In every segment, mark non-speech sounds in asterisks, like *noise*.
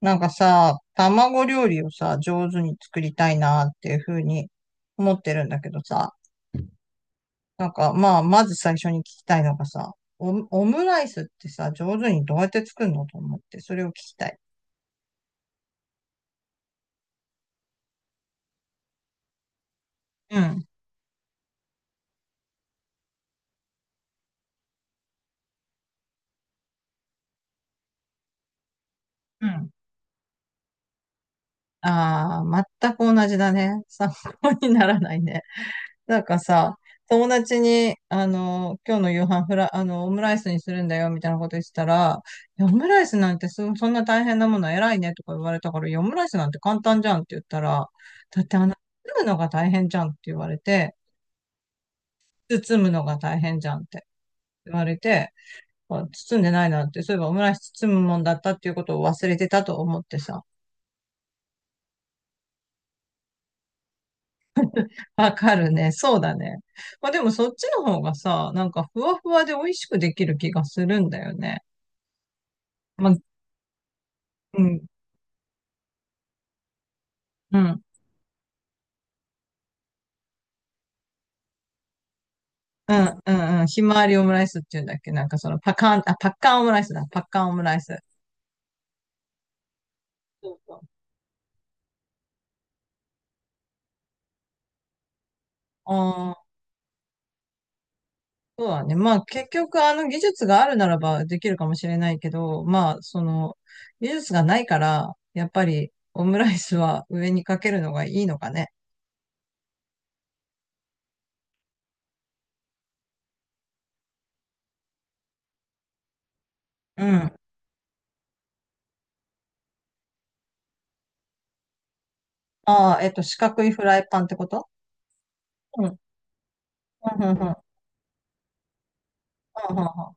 なんかさ、卵料理をさ、上手に作りたいなっていうふうに思ってるんだけどさ、なんかまあ、まず最初に聞きたいのがさ、オムライスってさ、上手にどうやって作るのと思って、それを聞きたい。うん、うん。ああ、全く同じだね。参考にならないね。なんかさ、友達に、今日の夕飯フラ、あの、オムライスにするんだよ、みたいなこと言ってたら、いやオムライスなんてそんな大変なもの偉いね、とか言われたから、いや、オムライスなんて簡単じゃんって言ったら、だって包むのが大変じゃんって言われて、包むのが大変じゃんって言われて、あ包んでないなって、そういえばオムライス包むもんだったっていうことを忘れてたと思ってさ。わかるね。そうだね。まあでもそっちの方がさ、なんかふわふわで美味しくできる気がするんだよね。まあ、うん。うん。うん。うんうんひまわりオムライスっていうんだっけなんかそのパカン、あ、パッカンオムライスだ。パッカンオムライス。そうそう。ああ、そうだね。まあ結局あの技術があるならばできるかもしれないけど、まあその技術がないから、やっぱりオムライスは上にかけるのがいいのかね。うん。ああ、四角いフライパンってこと？うん。うん、うん、うん。うん、うん。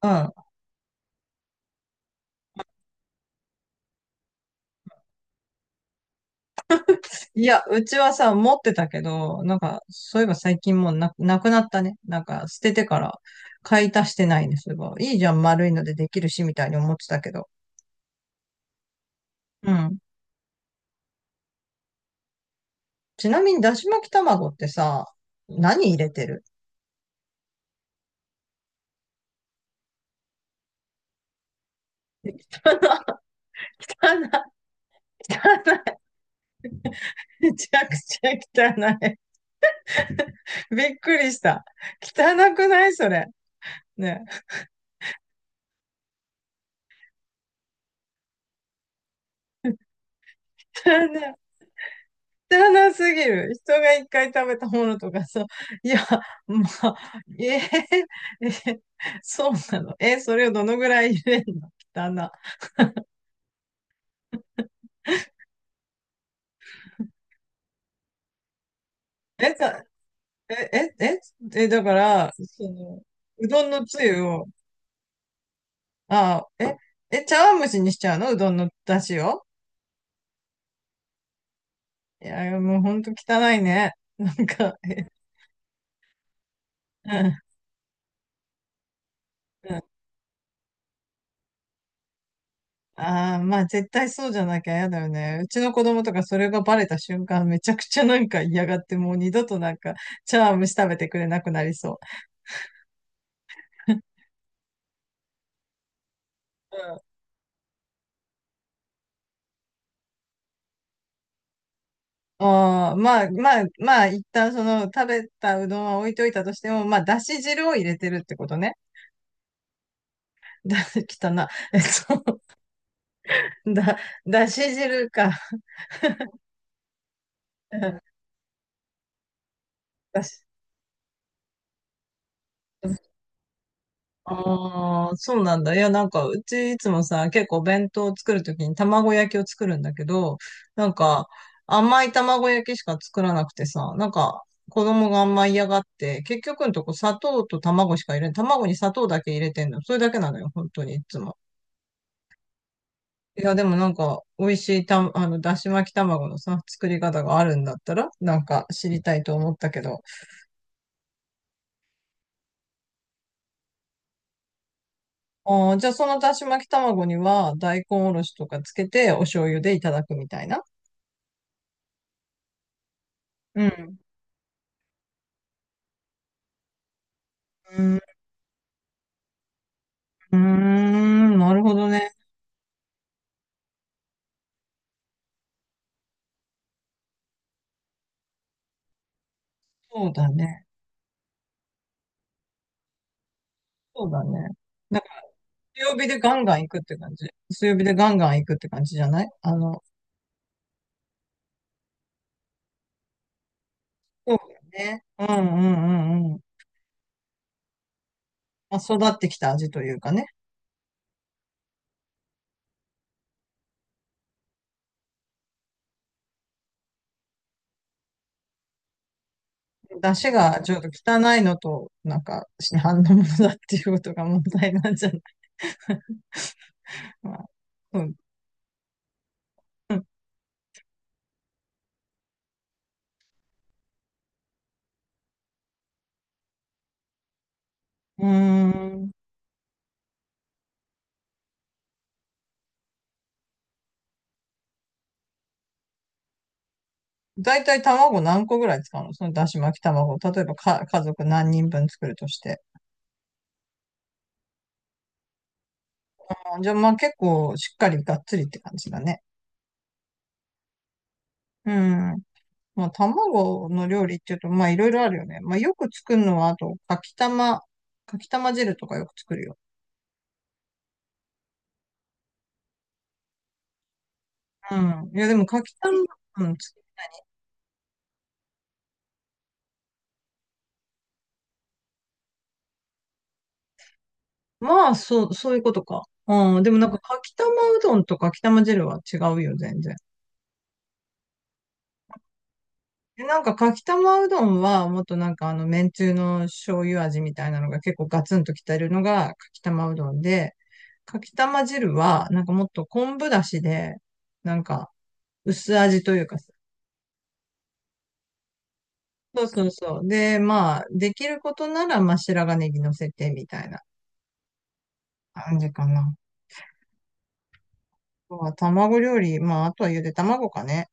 うん。いや、うちはさ、持ってたけど、なんか、そういえば最近もうなくなったね。なんか、捨ててから、買い足してないね、そういえば。いいじゃん、丸いのでできるし、みたいに思ってたけど。うん。ちなみに、だし巻き卵ってさ、何入れてる？ *laughs* 汚い、汚い、めちゃくちゃ汚い。*laughs* びっくりした。汚くないそれ？ね。汚い。知らなすぎる。人が一回食べたものとかさ、いや、まあ、えー、*laughs* え、そうなの？え、それをどのぐらい入れんの？汚な。え、さ、え、え、え、え、だから、その、うどんのつゆを、あ、え、茶碗蒸しにしちゃうの？うどんの出汁を。いや、もうほんと汚いね。なんか、うん、うん。ああ、まあ絶対そうじゃなきゃ嫌だよね。うちの子供とかそれがバレた瞬間めちゃくちゃなんか嫌がってもう二度となんか茶碗蒸し食べてくれなくなりそう。うん。 *laughs* ああ、まあまあまあ一旦その食べたうどんは置いといたとしても、まあだし汁を入れてるってことね。*laughs* だ、汚な。と、だ、だし汁か。*laughs* うん。だしああ、そうなんだ。いや、なんか、うちいつもさ、結構弁当を作るときに卵焼きを作るんだけど、なんか、甘い卵焼きしか作らなくてさ、なんか、子供があんま嫌がって、結局のとこ砂糖と卵しか入れん、卵に砂糖だけ入れてんの。それだけなのよ、本当にいつも。いや、でもなんか、美味しいた、あの、だし巻き卵のさ、作り方があるんだったら、なんか知りたいと思ったけど。ああ、じゃあそのだし巻き卵には、大根おろしとかつけて、お醤油でいただくみたいな。うん。うーん、なるほどね。そうだね。そうだね。なんか強火でガンガン行くって感じ。強火でガンガン行くって感じじゃない？あの、そうだよね。うんうんうんうん。まあ、育ってきた味というかね。出汁がちょっと汚いのと、なんか、市販のものだっていうことが問題なんじゃない？まあ、うん。うーん。だいたい卵何個ぐらい使うの？そのだし巻き卵。例えば家族何人分作るとして。あ、じゃあまあ結構しっかりがっつりって感じだね。うん。まあ、卵の料理っていうと、まあ、いろいろあるよね。まあ、よく作るのは、あと、かきたま汁とかよく作るよ。うん。いや、でも、かきたま、うん。まあ、そういうことか。うん。でも、なんか、かきたまうどんとかきたま汁は違うよ、全然。で、なんか、かきたまうどんは、もっとなんか、めんつゆの醤油味みたいなのが結構ガツンときてるのが、かきたまうどんで、かきたま汁は、なんかもっと昆布だしで、なんか、薄味というか、そうそうそう。で、まあ、できることなら、まあ、白髪ネギ乗せてみたいな感じかな。まあ、卵料理、まあ、あとはゆで卵かね。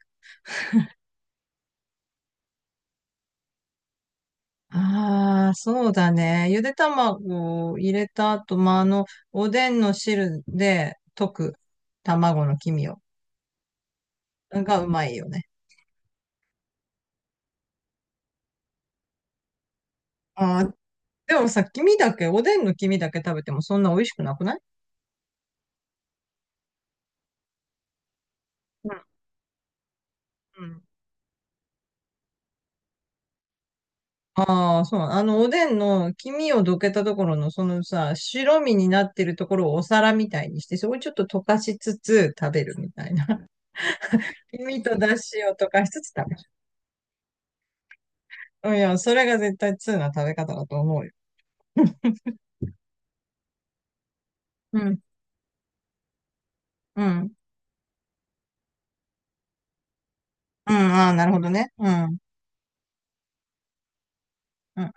ああ、そうだね。ゆで卵を入れた後、まあ、おでんの汁で溶く卵の黄身を、がうまいよね。ああ、でもさ、黄身だけ、おでんの黄身だけ食べてもそんな美味しくなくない？うん。うん。ああ、そう。あの、おでんの黄身をどけたところの、そのさ、白身になってるところをお皿みたいにして、そこにちょっと溶かしつつ食べるみたいな。*laughs* 黄身と出汁を溶かしつつ食べる。うん。いや、それが絶対通な食べ方だと思うよ。うん、うん、うん、ああ、なるほどね。うん、うん、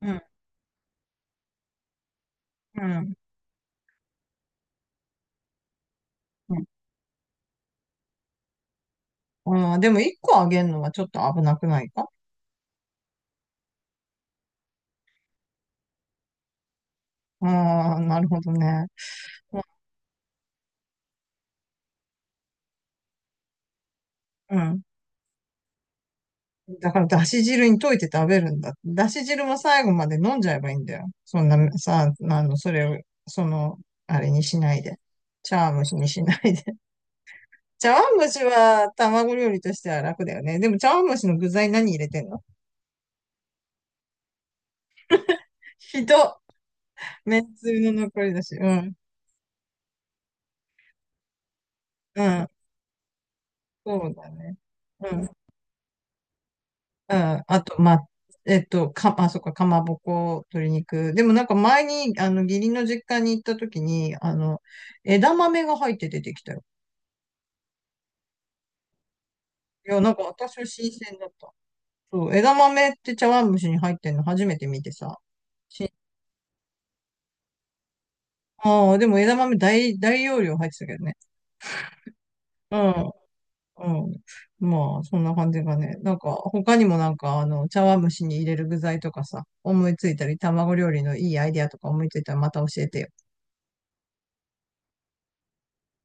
うん、うん。うん、うん。でも一個あげるのはちょっと危なくないか？ああ、なるほどね。うん、だから、だし汁に溶いて食べるんだ。だし汁も最後まで飲んじゃえばいいんだよ。そんな、さ、あの、それを、その、あれにしないで。茶碗蒸しにしないで。*laughs* 茶碗蒸しは卵料理としては楽だよね。でも茶碗蒸しの具材何入れてんの？ひど。めんつゆの残りだし。うん。うん。そうだね。うん。うん。あと、あ、そっか、かまぼこ、鶏肉。でもなんか前に、義理の実家に行った時に、枝豆が入って出てきたよ。いや、なんか私は新鮮だった。そう、枝豆って茶碗蒸しに入ってんの初めて見てさ。しああ、でも枝豆大容量入ってたけどね。うん、うん。まあ、そんな感じがね。なんか、他にもなんか、茶碗蒸しに入れる具材とかさ、思いついたり、卵料理のいいアイディアとか思いついたらまた教えてよ。